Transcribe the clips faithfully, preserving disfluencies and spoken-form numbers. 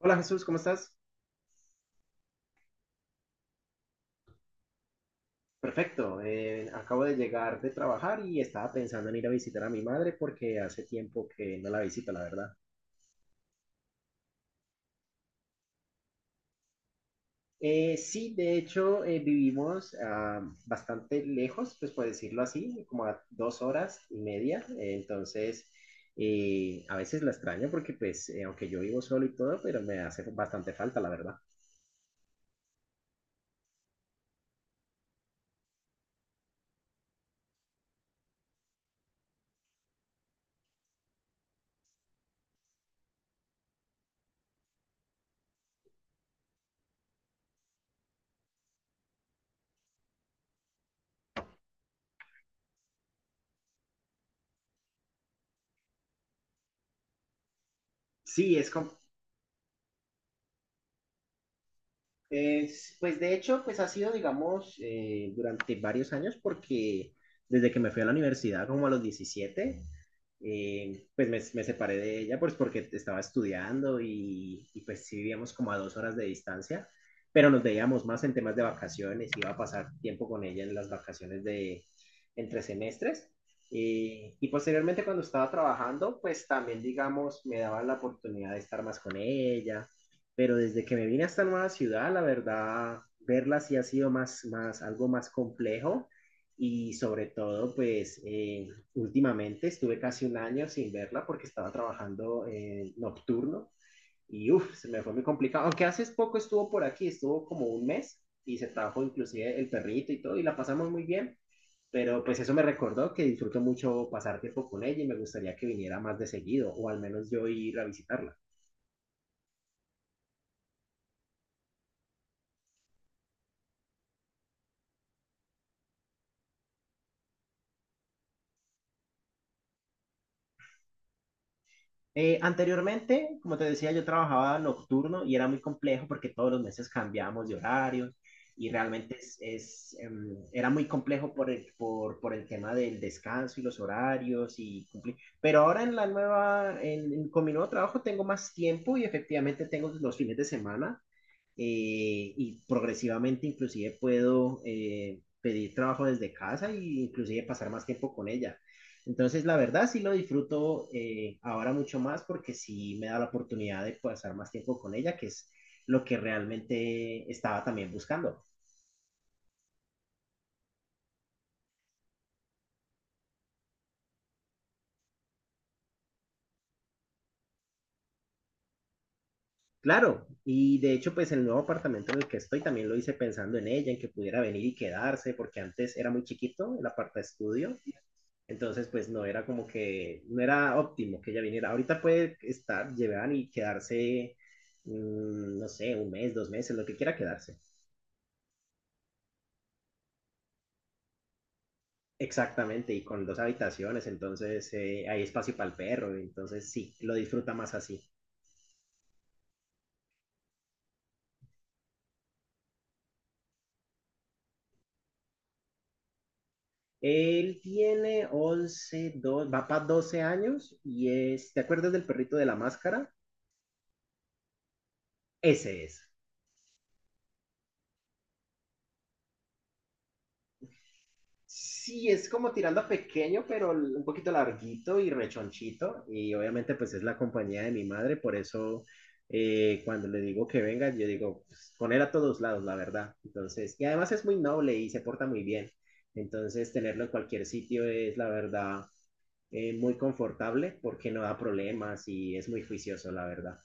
Hola Jesús, ¿cómo estás? Perfecto, eh, acabo de llegar de trabajar y estaba pensando en ir a visitar a mi madre porque hace tiempo que no la visito, la verdad. Eh, sí, de hecho, eh, vivimos ah, bastante lejos, pues por decirlo así, como a dos horas y media, eh, entonces eh, a veces la extraño porque pues eh, aunque yo vivo solo y todo, pero me hace bastante falta, la verdad. Sí, es, com- es, pues de hecho, pues ha sido, digamos, eh, durante varios años porque desde que me fui a la universidad, como a los diecisiete, eh, pues me, me, separé de ella pues porque estaba estudiando y, y, pues sí vivíamos como a dos horas de distancia, pero nos veíamos más en temas de vacaciones, iba a pasar tiempo con ella en las vacaciones de entre semestres. Eh, y posteriormente cuando estaba trabajando, pues también, digamos, me daba la oportunidad de estar más con ella, pero desde que me vine a esta nueva ciudad, la verdad, verla sí ha sido más, más, algo más complejo y sobre todo, pues, eh, últimamente estuve casi un año sin verla porque estaba trabajando eh, nocturno y uff, se me fue muy complicado. Aunque hace poco estuvo por aquí, estuvo como un mes y se trajo inclusive el perrito y todo y la pasamos muy bien. Pero pues eso me recordó que disfruto mucho pasar tiempo con ella y me gustaría que viniera más de seguido o al menos yo ir a visitarla. Eh, anteriormente, como te decía, yo trabajaba nocturno y era muy complejo porque todos los meses cambiábamos de horarios y realmente es, es, em, era muy complejo por el, por, por el tema del descanso y los horarios y cumplir. Pero ahora en la nueva, en- en- con mi nuevo trabajo tengo más tiempo y efectivamente tengo los fines de semana eh, y progresivamente inclusive puedo eh, pedir trabajo desde casa e inclusive pasar más tiempo con ella. Entonces, la verdad sí lo disfruto, eh, ahora mucho más porque sí me da la oportunidad de pasar más tiempo con ella, que es lo que realmente estaba también buscando. Claro, y de hecho, pues el nuevo apartamento en el que estoy también lo hice pensando en ella, en que pudiera venir y quedarse, porque antes era muy chiquito el aparta estudio. Entonces, pues no era como que, no era óptimo que ella viniera. Ahorita puede estar, llevar y quedarse, mm, no sé, un mes, dos meses, lo que quiera quedarse. Exactamente, y con dos habitaciones, entonces eh, hay espacio para el perro, entonces sí, lo disfruta más así. Él tiene once, dos va para doce años y es, ¿te acuerdas del perrito de la máscara? Ese es. Sí, es como tirando a pequeño, pero l- un poquito larguito y rechonchito. Y obviamente pues es la compañía de mi madre, por eso, eh, cuando le digo que venga, yo digo, pues, con él a todos lados, la verdad. Entonces, y además es muy noble y se porta muy bien. Entonces, tenerlo en cualquier sitio es, la verdad, eh, muy confortable porque no da problemas y es muy juicioso, la verdad.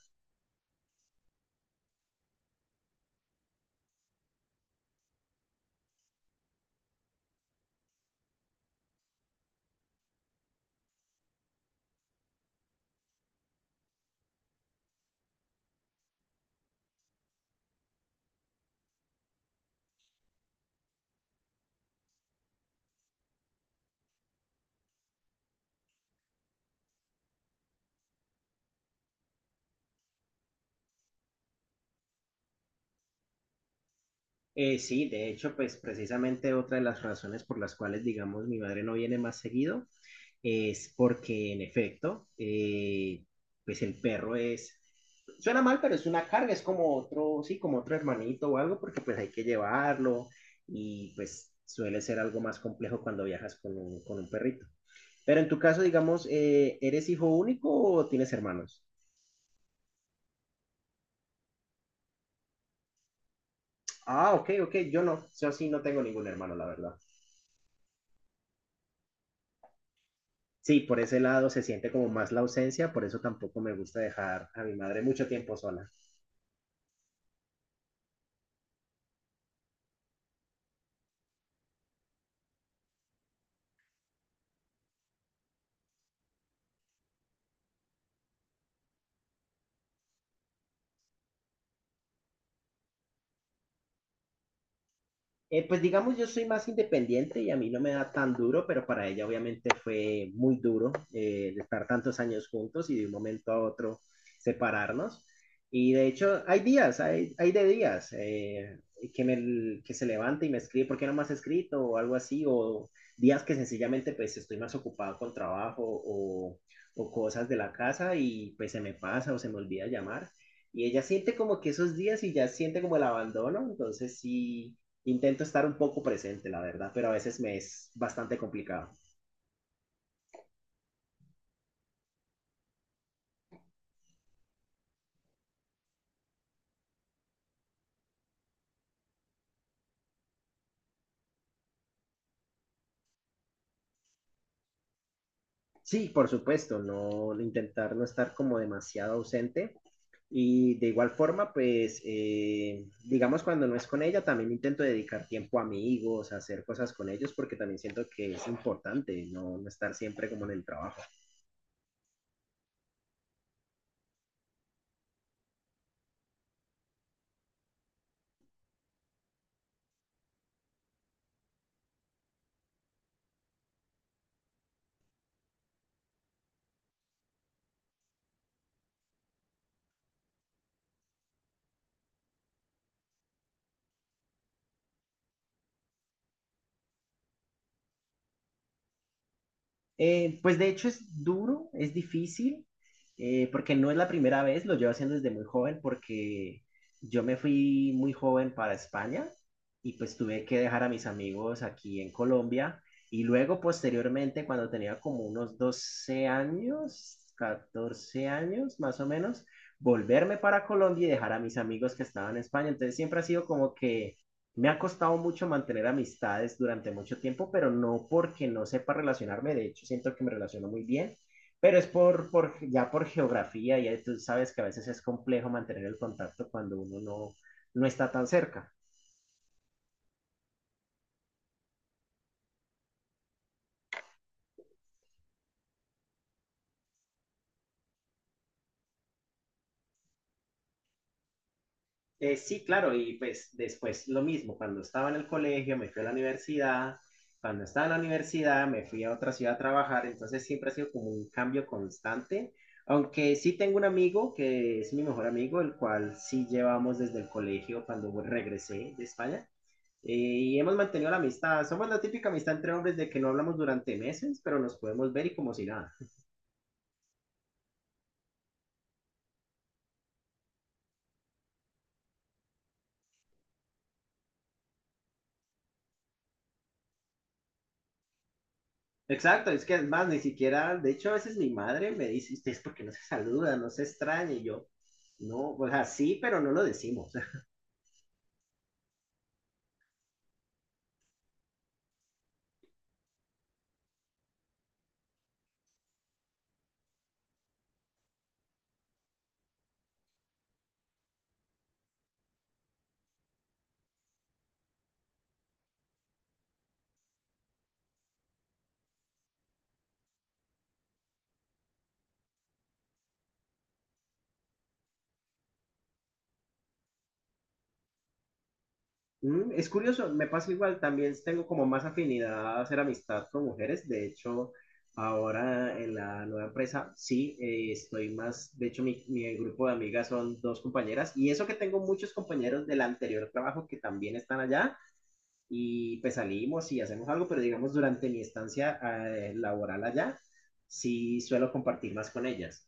Eh, sí, de hecho, pues precisamente otra de las razones por las cuales, digamos, mi madre no viene más seguido es porque en efecto, eh, pues el perro es, suena mal, pero es una carga, es como otro, sí, como otro hermanito o algo, porque pues hay que llevarlo y pues suele ser algo más complejo cuando viajas con un, con un perrito. Pero en tu caso, digamos, eh, ¿eres hijo único o tienes hermanos? Ah, ok, ok, yo no, yo sí no tengo ningún hermano, la verdad. Sí, por ese lado se siente como más la ausencia, por eso tampoco me gusta dejar a mi madre mucho tiempo sola. Eh, pues digamos, yo soy más independiente y a mí no me da tan duro, pero para ella obviamente fue muy duro, eh, el estar tantos años juntos y de un momento a otro separarnos. Y de hecho, hay días, hay, hay de días eh, que, me, que se levanta y me escribe, ¿por qué no me has escrito? O algo así, o días que sencillamente pues estoy más ocupado con trabajo o, o cosas de la casa y pues se me pasa o se me olvida llamar. Y ella siente como que esos días y ya siente como el abandono, entonces sí intento estar un poco presente, la verdad, pero a veces me es bastante complicado. Sí, por supuesto, no intentar no estar como demasiado ausente. Y de igual forma, pues, eh, digamos, cuando no es con ella, también intento dedicar tiempo a amigos, a hacer cosas con ellos, porque también siento que es importante no, no estar siempre como en el trabajo. Eh, pues de hecho es duro, es difícil, eh, porque no es la primera vez, lo llevo haciendo desde muy joven, porque yo me fui muy joven para España y pues tuve que dejar a mis amigos aquí en Colombia y luego posteriormente cuando tenía como unos doce años, catorce años más o menos, volverme para Colombia y dejar a mis amigos que estaban en España. Entonces siempre ha sido como que me ha costado mucho mantener amistades durante mucho tiempo, pero no porque no sepa relacionarme, de hecho siento que me relaciono muy bien, pero es por, por ya por geografía, ya tú sabes que a veces es complejo mantener el contacto cuando uno no, no está tan cerca. Eh, sí, claro, y pues después lo mismo, cuando estaba en el colegio me fui a la universidad, cuando estaba en la universidad me fui a otra ciudad a trabajar, entonces siempre ha sido como un cambio constante, aunque sí tengo un amigo que es mi mejor amigo, el cual sí llevamos desde el colegio cuando regresé de España. eh, Y hemos mantenido la amistad. Somos la típica amistad entre hombres de que no hablamos durante meses, pero nos podemos ver y como si nada. Exacto, es que además ni siquiera, de hecho a veces mi madre me dice: "Este, es porque no se saluda, no se extraña", y yo, no, o sea, sí, pero no lo decimos. Mm, es curioso, me pasa igual, también tengo como más afinidad a hacer amistad con mujeres, de hecho, ahora en la nueva empresa, sí, eh, estoy más, de hecho mi, mi grupo de amigas son dos compañeras, y eso que tengo muchos compañeros del anterior trabajo que también están allá, y pues salimos y hacemos algo, pero digamos durante mi estancia eh, laboral allá, sí suelo compartir más con ellas.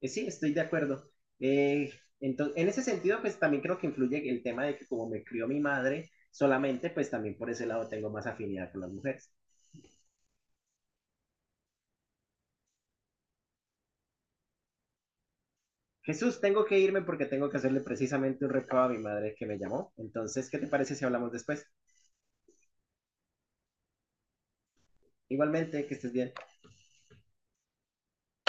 Eh, sí, estoy de acuerdo. Eh, entonces, en ese sentido, pues también creo que influye el tema de que como me crió mi madre solamente, pues también por ese lado tengo más afinidad con las mujeres. Jesús, tengo que irme porque tengo que hacerle precisamente un recado a mi madre que me llamó. Entonces, ¿qué te parece si hablamos después? Igualmente, que estés bien.